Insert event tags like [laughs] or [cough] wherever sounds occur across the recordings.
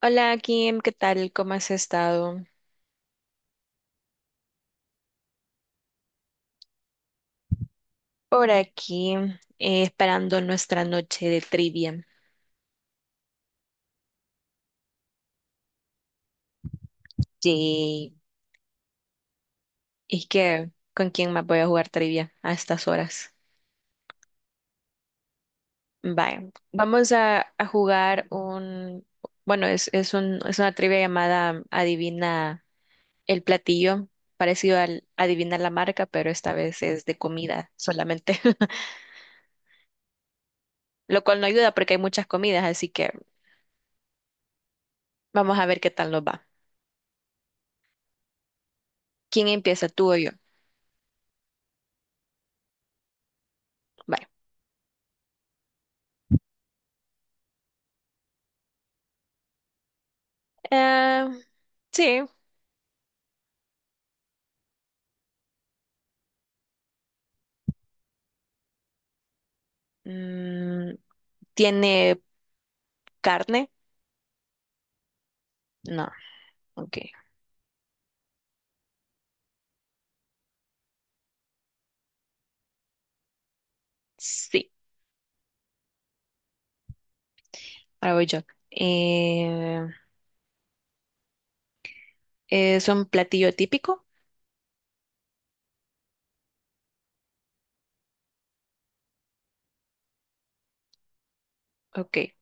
Hola Kim, ¿qué tal? ¿Cómo has estado? Por aquí, esperando nuestra noche de trivia. Sí, es que ¿con quién más voy a jugar trivia a estas horas? Vaya, vamos a jugar un, bueno, es un, es una trivia llamada Adivina el platillo, parecido al Adivina la marca, pero esta vez es de comida solamente, [laughs] lo cual no ayuda porque hay muchas comidas, así que vamos a ver qué tal nos va. ¿Quién empieza, tú o yo? Vaya. Eh, sí. Mm, ¿tiene carne? No, ok. Sí, ahora voy yo. Eh, ¿Es un platillo típico? Ok.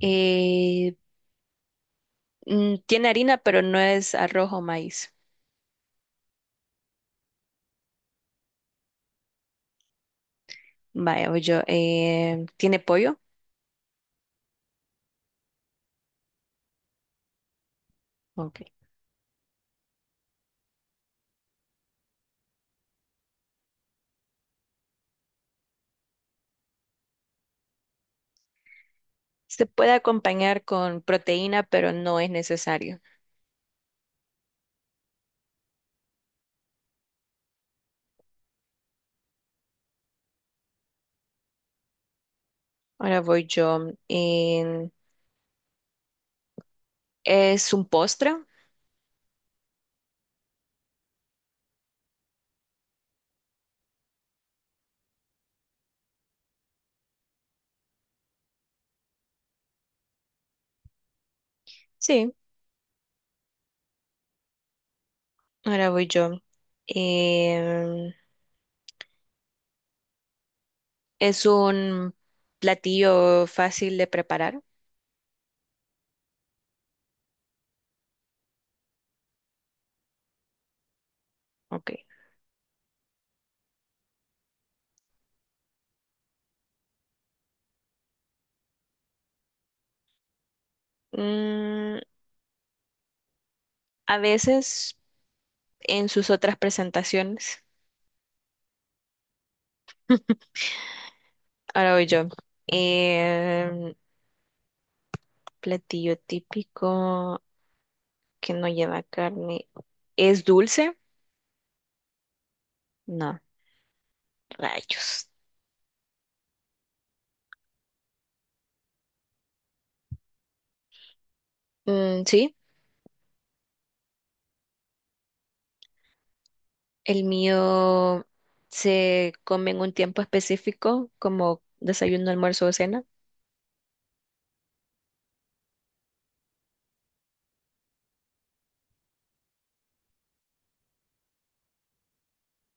Eh, mm, tiene harina, pero no es arroz o maíz. Vaya, voy yo. ¿Tiene pollo? Ok. Se puede acompañar con proteína, pero no es necesario. Ahora voy yo. ¿Es un postre? Sí, ahora voy yo. Eh, Es un platillo fácil de preparar. Ok. Mm, a veces en sus otras presentaciones, ahora voy yo. Em, platillo típico que no lleva carne. ¿Es dulce? No, rayos. Mm, sí, el mío se come en un tiempo específico, como desayuno, almuerzo o cena.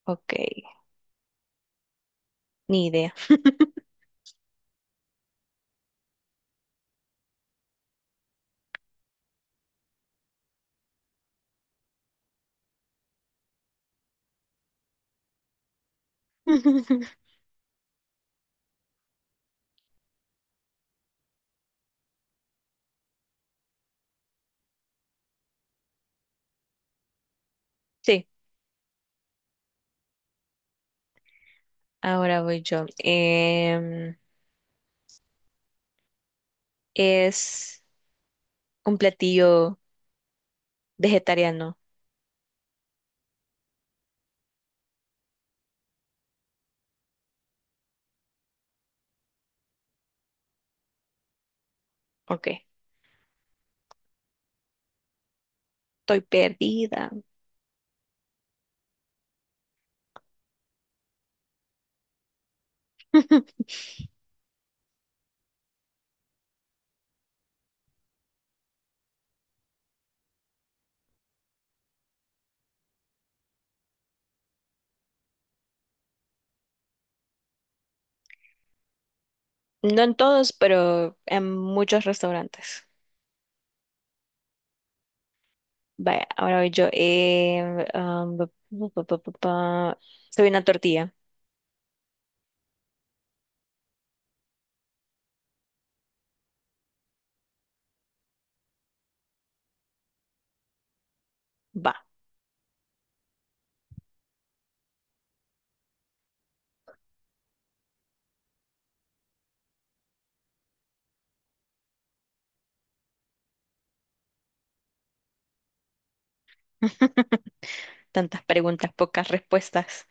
Ok, ni idea. [laughs] Sí, ahora voy yo. Es un platillo vegetariano. Ok, estoy perdida. [laughs] No en todos, pero en muchos restaurantes. Vaya, ahora voy yo. Um, bu- bu- bu- bu- bu- bu- Soy una tortilla. Va. [laughs] Tantas preguntas, pocas respuestas.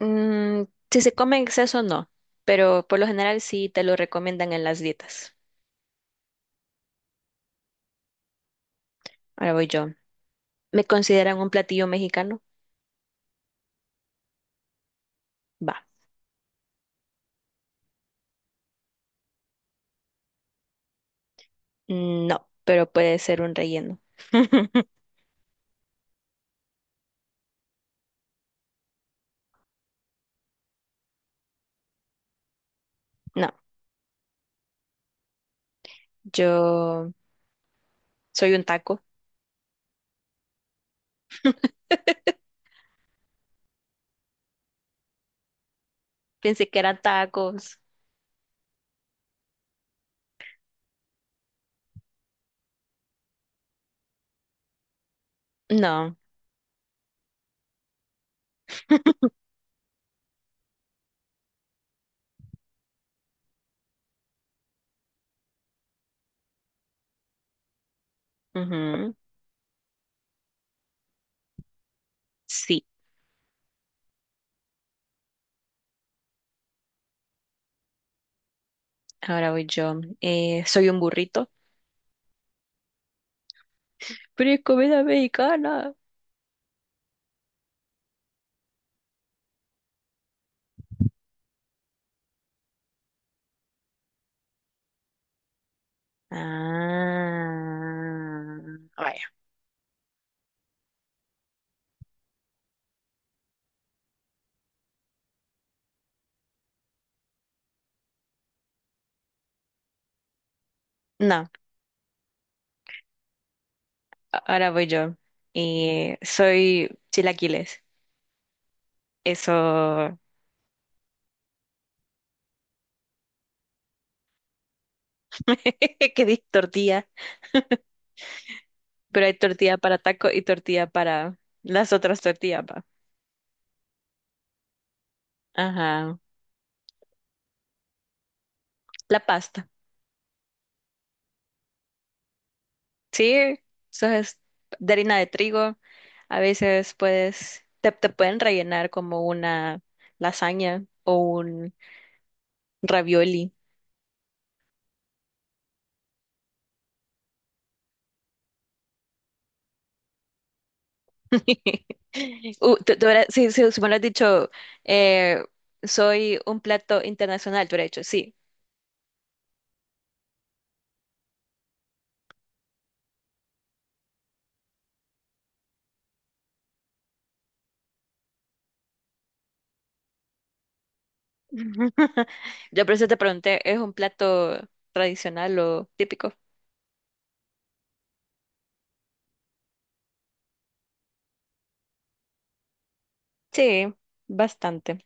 Mm, si se come en exceso, no, pero por lo general sí te lo recomiendan en las dietas. Ahora voy yo. ¿Me consideran un platillo mexicano? Va. Mm, no, pero puede ser un relleno. No. Yo soy un taco. [laughs] Pensé que eran tacos. No. Ujú. Sí, ahora voy yo. Soy un burrito. Pero es comida mexicana. Ah, vaya. No, ahora voy yo. Soy chilaquiles. Eso, [laughs] que dije tortilla, pero hay tortilla para taco y tortilla para las otras tortillas, va. Ajá. La pasta. Sí, eso es de harina de trigo. A veces puedes, te pueden rellenar como una lasaña o un ravioli. [laughs] Si, si, si me lo has dicho, eh, soy un plato internacional, tú hubieras dicho, sí. [laughs] Yo por eso te pregunté, ¿es un plato tradicional o típico? Sí, bastante.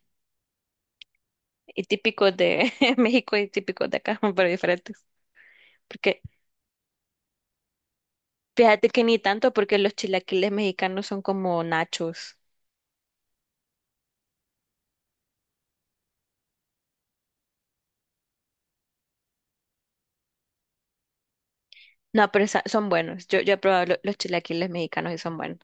Y típico de [laughs] México y típico de acá, [laughs] pero diferentes. Porque fíjate que ni tanto, porque los chilaquiles mexicanos son como nachos. No, pero son buenos. Yo he probado los chilaquiles mexicanos y son buenos.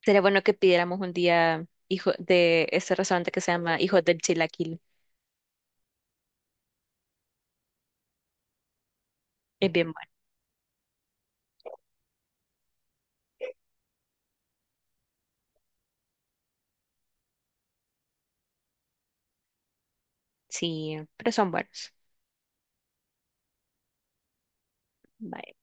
Sería bueno que pidiéramos un día hijo de ese restaurante que se llama Hijos del Chilaquil. Es bien bueno. Sí, pero son buenos. Vaya.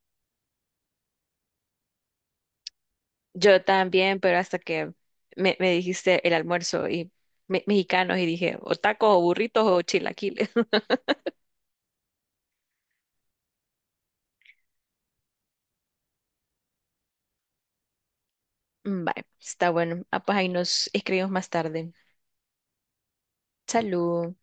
Yo también, pero hasta que me dijiste el almuerzo y mexicanos y dije o tacos o burritos o chilaquiles. [laughs] Vaya, está bueno. Ah, pues ahí nos escribimos más tarde. Salud.